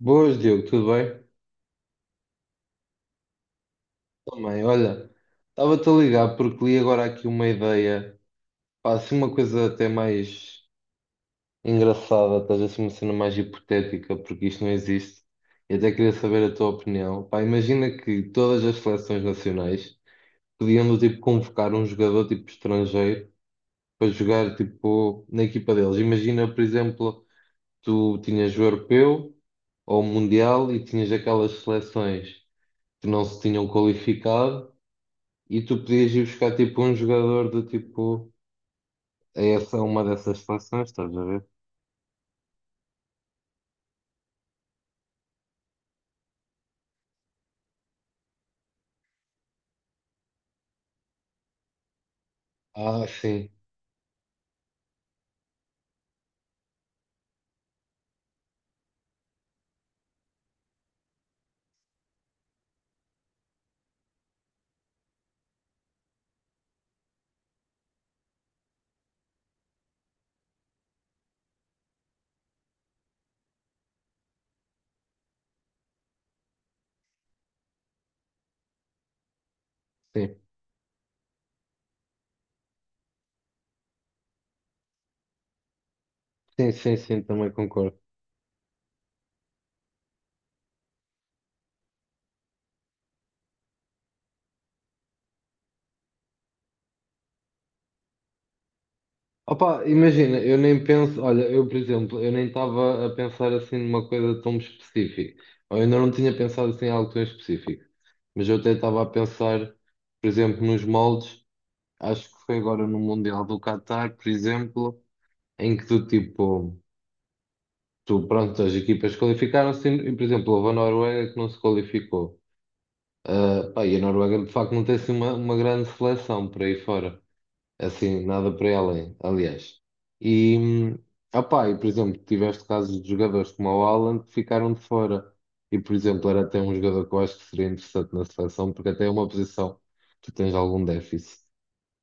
Boas, Diogo, tudo bem? Também, olha, estava-te a ligar porque li agora aqui uma ideia, pá, assim uma coisa até mais engraçada, estás assim uma cena mais hipotética, porque isto não existe, e até queria saber a tua opinião. Pá, imagina que todas as seleções nacionais podiam do tipo convocar um jogador tipo estrangeiro para jogar tipo na equipa deles. Imagina, por exemplo, tu tinhas o europeu ou o mundial e tinhas aquelas seleções que não se tinham qualificado e tu podias ir buscar tipo um jogador do tipo a essa uma dessas seleções, estás a ver? Ah, sim, sim, sim, sim, sim, também concordo. Opa, imagina, eu nem penso, olha, eu por exemplo, eu nem estava a pensar assim numa coisa tão específica, ou eu ainda não tinha pensado assim em algo tão específico, mas eu até estava a pensar, por exemplo, nos moldes, acho que foi agora no Mundial do Qatar, por exemplo, em que tu tipo, tu pronto, as equipas qualificaram-se e, por exemplo, houve a Noruega que não se qualificou. Ah, pá, e a Noruega de facto não tem assim uma grande seleção por aí fora, assim, nada por aí além, aliás. E, ah, pá, e por exemplo, tiveste casos de jogadores como o Haaland que ficaram de fora. E por exemplo, era até um jogador que eu acho que seria interessante na seleção, porque até é uma posição que tu tens algum déficit.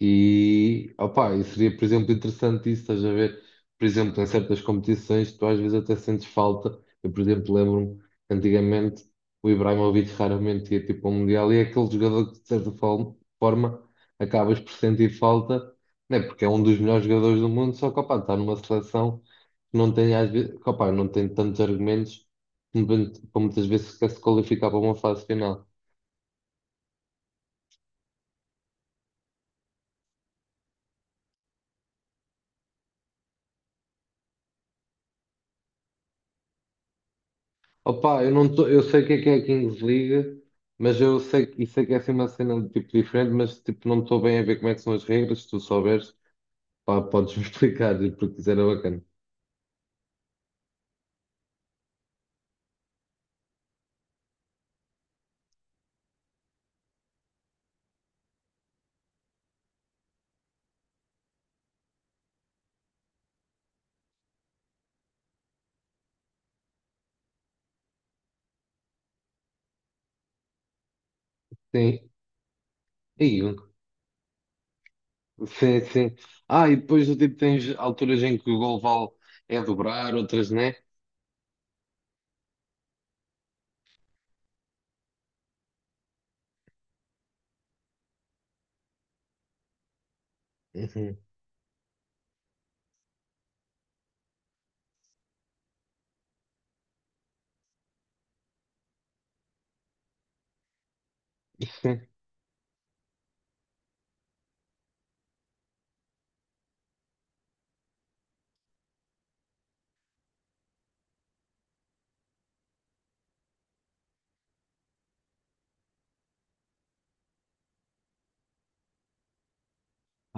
E, opá, e seria, por exemplo, interessante isso, estás a ver? Por exemplo, em certas competições, tu às vezes até sentes falta. Eu, por exemplo, lembro-me, antigamente, o Ibrahimovic raramente ia tipo ao Mundial e é aquele jogador que, de certa forma, acabas por sentir falta, né? Porque é um dos melhores jogadores do mundo, só que, opá, está numa seleção que não tem, às vezes, opá, não tem tantos argumentos para muitas vezes sequer se qualificar para uma fase final. Opa, eu não tô, eu sei o que é a Kings League, mas eu sei, e sei que é assim uma cena de tipo diferente, mas tipo, não estou bem a ver como é que são as regras, se tu souberes, pá, podes-me explicar, porque isso era bacana. Sim, aí, sim, sim. Ah, e depois tipo, tens alturas em que o gol vale é dobrar, outras não é. Uhum. Sim.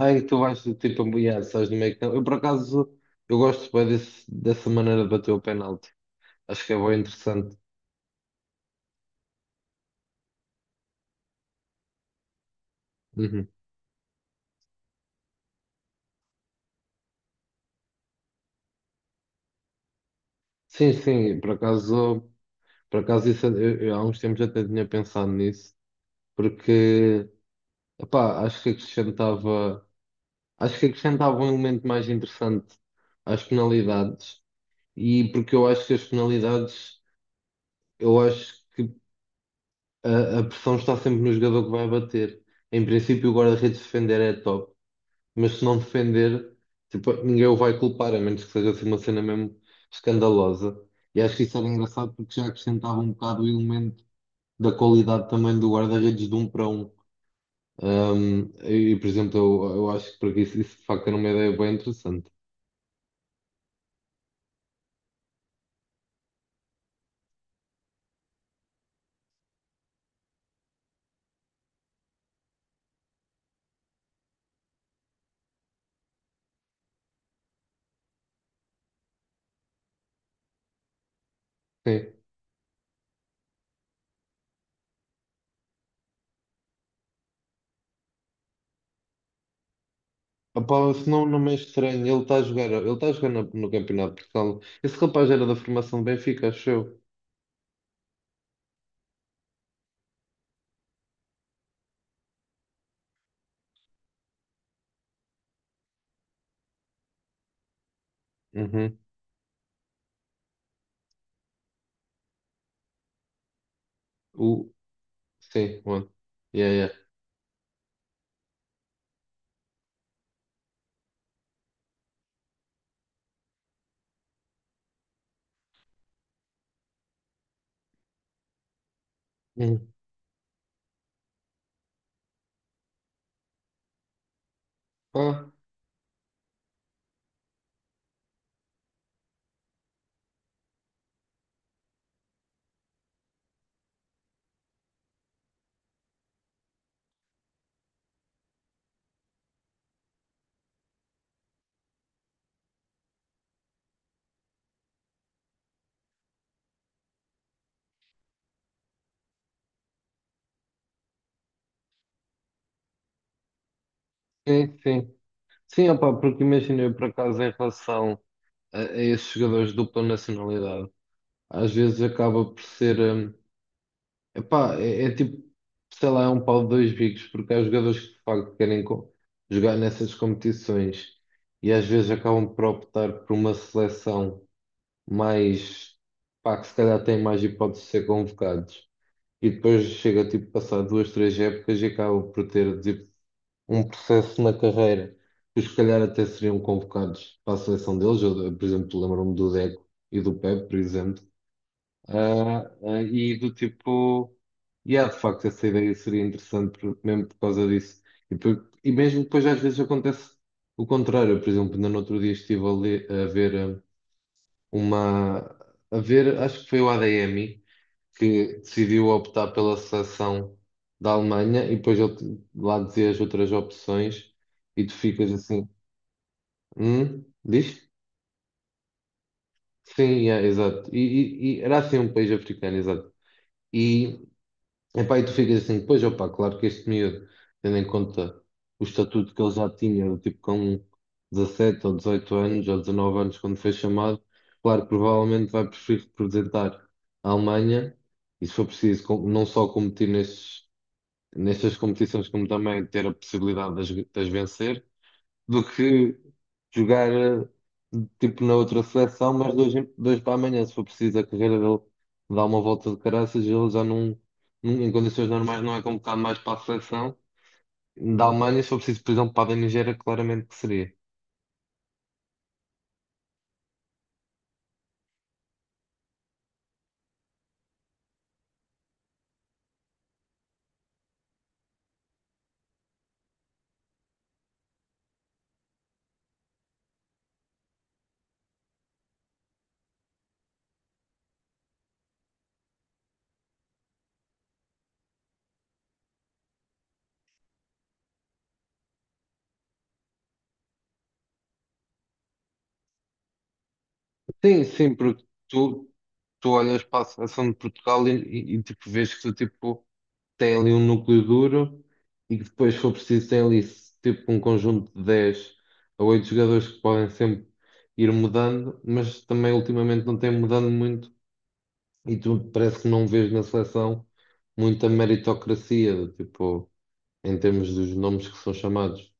Ai, tu vais tipo apoiar, sabes no meio que eu por acaso eu gosto bem dessa maneira de bater o penalti. Acho que é bem interessante. Uhum. Sim, sim, por acaso. Por acaso, eu, há uns tempos até tinha pensado nisso, porque, epá, acho que acrescentava um elemento mais interessante às penalidades, e porque eu acho que as penalidades, eu acho que a pressão está sempre no jogador que vai bater. Em princípio, o guarda-redes defender é top, mas se não defender, tipo, ninguém o vai culpar, a menos que seja assim uma cena mesmo escandalosa. E acho que isso era engraçado porque já acrescentava um bocado o elemento da qualidade também do guarda-redes de um para um. E, por exemplo, eu acho que por aqui isso de facto era uma ideia bem interessante. Sim. Opa, se não, não me é estranho, ele está a jogar, ele está a jogar no Campeonato de Portugal. Esse rapaz era da formação do Benfica, acho eu. Uhum. O, sim, o outro. Yeah, yeah. Uhum. Ah, sim, sim. Sim, opa, porque imagina eu por acaso em relação a esses jogadores de dupla nacionalidade, às vezes acaba por ser, epá, é tipo, sei lá, é um pau de dois bicos, porque há jogadores que de facto querem jogar nessas competições e às vezes acabam por optar por uma seleção mais, pá, que se calhar tem mais hipótese de ser convocados. E depois chega, tipo, a passar duas, três épocas e acaba por ter, tipo, um processo na carreira. Os que se calhar até seriam convocados para a seleção deles. Eu, por exemplo, lembro-me do Deco e do Pepe, por exemplo, e do tipo, e há de facto essa ideia seria interessante mesmo por causa disso. E mesmo depois às vezes acontece o contrário. Eu, por exemplo, ainda no outro dia estive a, ler- a ver ah, uma, a ver, acho que foi o ADM que decidiu optar pela seleção da Alemanha e depois ele lá dizia as outras opções e tu ficas assim, hum? Diz? Sim, yeah, exato. E, e era assim um país africano, exato. Epá, e tu ficas assim, pois, opá, claro que este miúdo, tendo em conta o estatuto que ele já tinha, do tipo com 17 ou 18 anos ou 19 anos, quando foi chamado, claro, provavelmente vai preferir representar a Alemanha e, se for preciso, não só competir nestes, nestas competições, como também ter a possibilidade de as vencer do que jogar tipo na outra seleção, mas dois, dois para amanhã, se for preciso, a carreira dele dá uma volta de caraças, ele já em condições normais, não é convocado mais para a seleção. Da Alemanha, se for preciso, por exemplo, para a da Nigéria, claramente que seria. Sim, sim, porque tu, tu olhas para a seleção de Portugal e, tipo, vês que tem ali um núcleo duro e que depois, se for preciso, tem ali tipo um conjunto de 10 a 8 jogadores que podem sempre ir mudando, mas também ultimamente não tem mudado muito e tu parece que não vês na seleção muita meritocracia, tipo, em termos dos nomes que são chamados.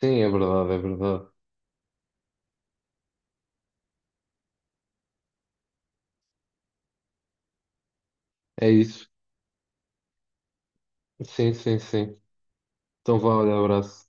Sim, é verdade, é verdade. É isso. Sim, sim, sim. Então vá, olha, abraço.